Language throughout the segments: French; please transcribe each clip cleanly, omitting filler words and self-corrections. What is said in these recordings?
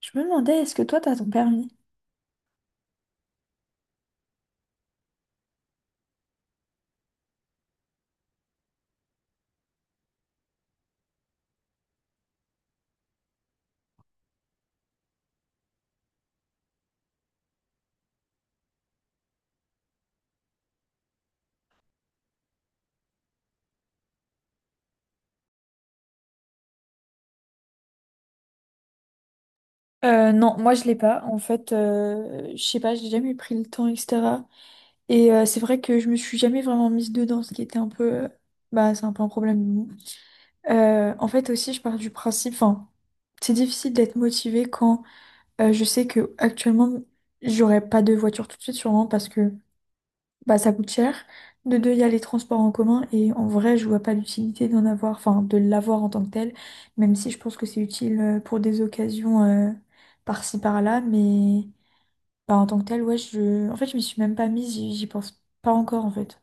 Je me demandais, est-ce que toi, t'as ton permis? Non, moi je l'ai pas. En fait, je sais pas, j'ai jamais pris le temps, etc. Et c'est vrai que je me suis jamais vraiment mise dedans, ce qui était un peu, bah, c'est un peu un problème. En fait aussi, je pars du principe, enfin, c'est difficile d'être motivée quand je sais que actuellement j'aurai pas de voiture tout de suite, sûrement parce que bah, ça coûte cher. De deux, il y a les transports en commun et en vrai, je vois pas l'utilité d'en avoir, enfin de l'avoir en tant que tel, même si je pense que c'est utile pour des occasions par-ci par-là, mais bah, en tant que tel, ouais, je... en fait, je m'y suis même pas mise, j'y pense pas encore en fait.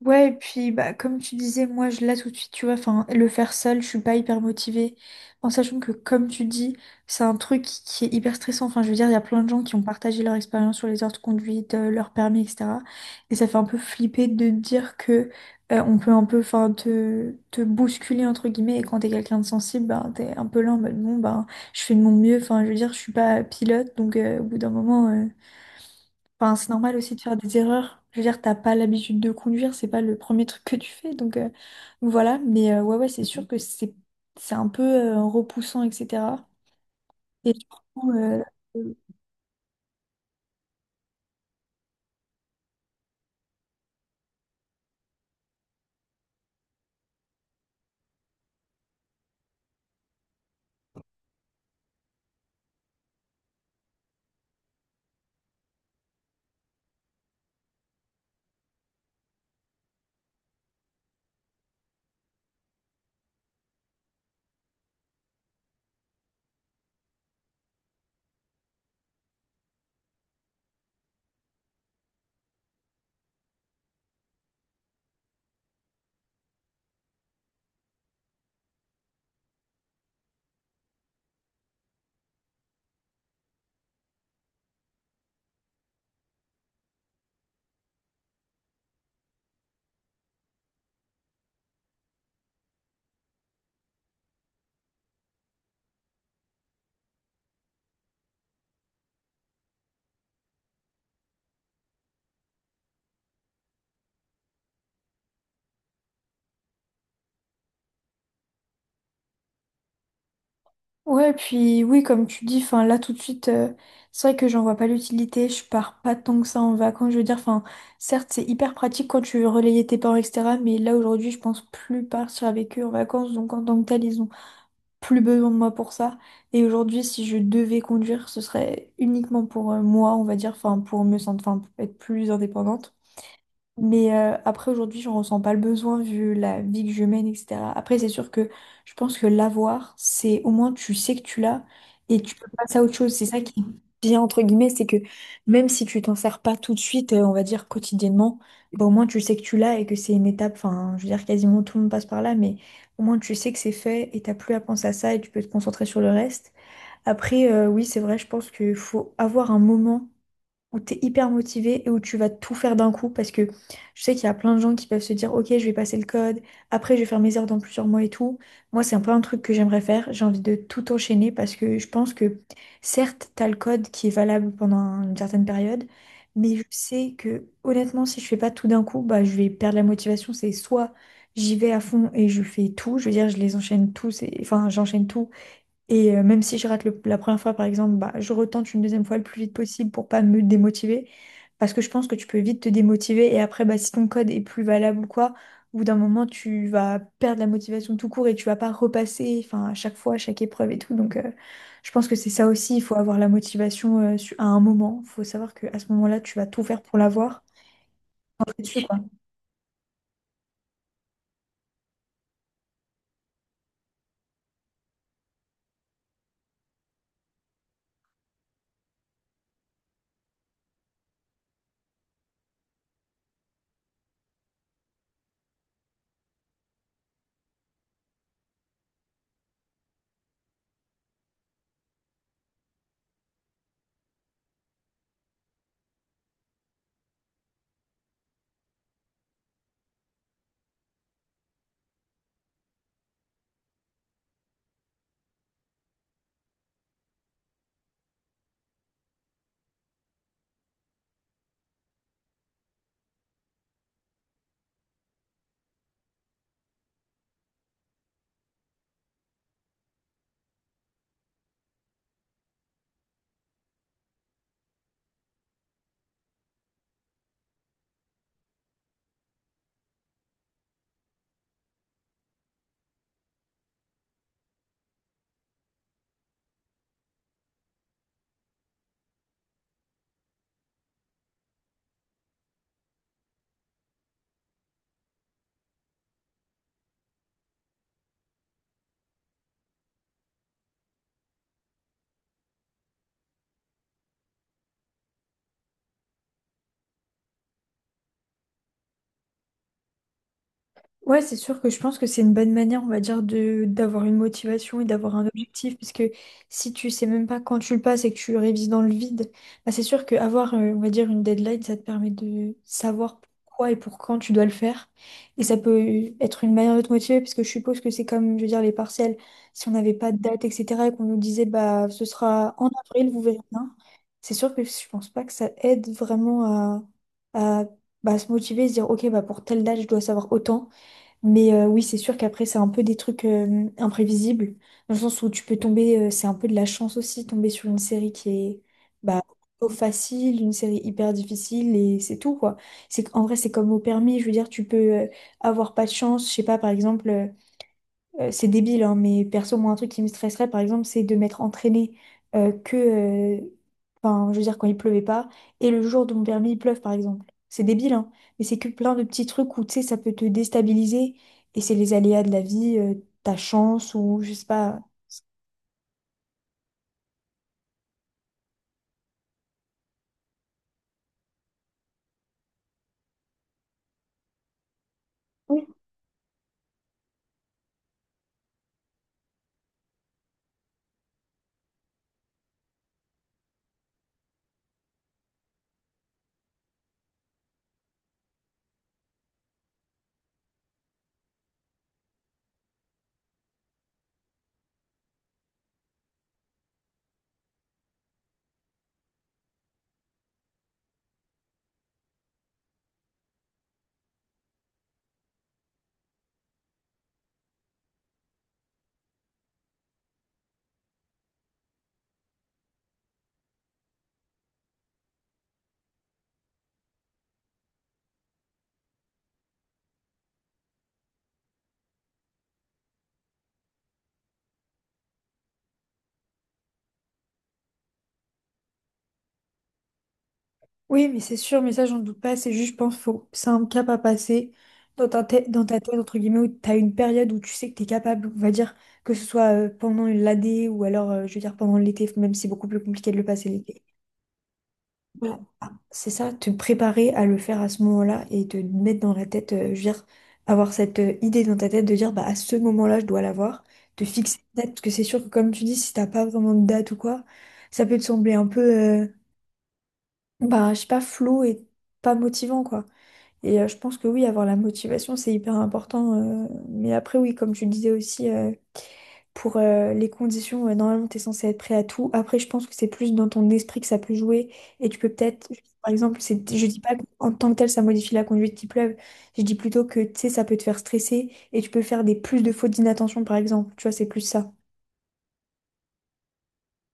Ouais, et puis bah comme tu disais, moi je là tout de suite, tu vois, enfin le faire seul, je suis pas hyper motivée. En sachant que comme tu dis, c'est un truc qui est hyper stressant. Enfin, je veux dire, il y a plein de gens qui ont partagé leur expérience sur les heures de conduite, leur permis, etc. Et ça fait un peu flipper de dire que on peut un peu, enfin, te bousculer entre guillemets. Et quand t'es quelqu'un de sensible, ben t'es un peu là en mode bon, ben je fais de mon mieux. Enfin, je veux dire, je suis pas pilote, donc au bout d'un moment. Enfin, c'est normal aussi de faire des erreurs. Je veux dire, t'as pas l'habitude de conduire, c'est pas le premier truc que tu fais. Donc voilà, mais ouais, c'est sûr que c'est un peu repoussant, etc. Et du coup, euh, euh, ouais, puis oui, comme tu dis, enfin là tout de suite, c'est vrai que j'en vois pas l'utilité. Je pars pas tant que ça en vacances. Je veux dire, enfin, certes, c'est hyper pratique quand tu veux relayer tes parents, etc. Mais là aujourd'hui, je pense plus partir avec eux en vacances. Donc en tant que tel, ils ont plus besoin de moi pour ça. Et aujourd'hui, si je devais conduire, ce serait uniquement pour moi, on va dire, enfin, pour me sentir, enfin, pour être plus indépendante. Mais après, aujourd'hui, je ressens pas le besoin vu la vie que je mène, etc. Après, c'est sûr que je pense que l'avoir, c'est au moins tu sais que tu l'as et tu peux passer à autre chose. C'est ça qui est bien, entre guillemets, c'est que même si tu t'en sers pas tout de suite, on va dire quotidiennement, bah, au moins tu sais que tu l'as et que c'est une étape. Enfin, je veux dire, quasiment tout le monde passe par là, mais au moins tu sais que c'est fait et t'as plus à penser à ça et tu peux te concentrer sur le reste. Après, oui, c'est vrai, je pense qu'il faut avoir un moment où tu es hyper motivé et où tu vas tout faire d'un coup parce que je sais qu'il y a plein de gens qui peuvent se dire ok je vais passer le code, après je vais faire mes heures dans plusieurs mois et tout. Moi c'est un peu un truc que j'aimerais faire, j'ai envie de tout enchaîner parce que je pense que certes tu as le code qui est valable pendant une certaine période, mais je sais que honnêtement si je fais pas tout d'un coup bah je vais perdre la motivation, c'est soit j'y vais à fond et je fais tout, je veux dire je les enchaîne tous, enfin j'enchaîne tout et même si je rate la première fois, par exemple, bah, je retente une deuxième fois le plus vite possible pour pas me démotiver. Parce que je pense que tu peux vite te démotiver. Et après, bah, si ton code est plus valable ou quoi, au bout d'un moment, tu vas perdre la motivation tout court et tu vas pas repasser, enfin, à chaque fois, à chaque épreuve et tout. Donc, je pense que c'est ça aussi. Il faut avoir la motivation, à un moment. Il faut savoir que à ce moment-là, tu vas tout faire pour l'avoir. Ouais, c'est sûr que je pense que c'est une bonne manière, on va dire, de d'avoir une motivation et d'avoir un objectif, parce que si tu sais même pas quand tu le passes et que tu révises dans le vide, bah c'est sûr qu'avoir, on va dire, une deadline, ça te permet de savoir pourquoi et pour quand tu dois le faire. Et ça peut être une manière de te motiver, parce que je suppose que c'est comme, je veux dire, les partiels, si on n'avait pas de date, etc., et qu'on nous disait, bah, ce sera en avril, vous verrez bien, c'est sûr que je pense pas que ça aide vraiment à bah, se motiver, se dire, ok, bah, pour telle date, je dois savoir autant. Mais oui, c'est sûr qu'après, c'est un peu des trucs imprévisibles, dans le sens où tu peux tomber, c'est un peu de la chance aussi, tomber sur une série qui est bah, plutôt facile, une série hyper difficile, et c'est tout, quoi. C'est, en vrai, c'est comme au permis, je veux dire, tu peux avoir pas de chance, je sais pas, par exemple. C'est débile, hein, mais perso, moi, un truc qui me stresserait, par exemple, c'est de m'être entraînée euh, que, euh, enfin, je veux dire, quand il pleuvait pas, et le jour de mon permis, il pleuve, par exemple. C'est débile, hein, mais c'est que plein de petits trucs où, tu sais, ça peut te déstabiliser, et c'est les aléas de la vie, ta chance, ou je sais pas. Oui, mais c'est sûr, mais ça, j'en doute pas. C'est juste, je pense, faut... c'est un cap à passer dans ta tête, entre guillemets, où tu as une période où tu sais que tu es capable, on va dire, que ce soit pendant l'AD ou alors, je veux dire, pendant l'été, même si c'est beaucoup plus compliqué de le passer l'été. Ouais. Ah, c'est ça, te préparer à le faire à ce moment-là et te mettre dans la tête, je veux dire, avoir cette idée dans ta tête de dire, bah, à ce moment-là, je dois l'avoir, te fixer une date, parce que c'est sûr que, comme tu dis, si t'as pas vraiment de date ou quoi, ça peut te sembler un peu, euh, bah, je sais pas, flou et pas motivant, quoi. Et je pense que oui, avoir la motivation, c'est hyper important. Mais après, oui, comme tu le disais aussi, pour les conditions, normalement, tu es censé être prêt à tout. Après, je pense que c'est plus dans ton esprit que ça peut jouer. Et tu peux peut-être, par exemple, je dis pas qu'en tant que tel, ça modifie la conduite qui pleuve. Je dis plutôt que, tu sais, ça peut te faire stresser et tu peux faire des plus de fautes d'inattention, par exemple. Tu vois, c'est plus ça.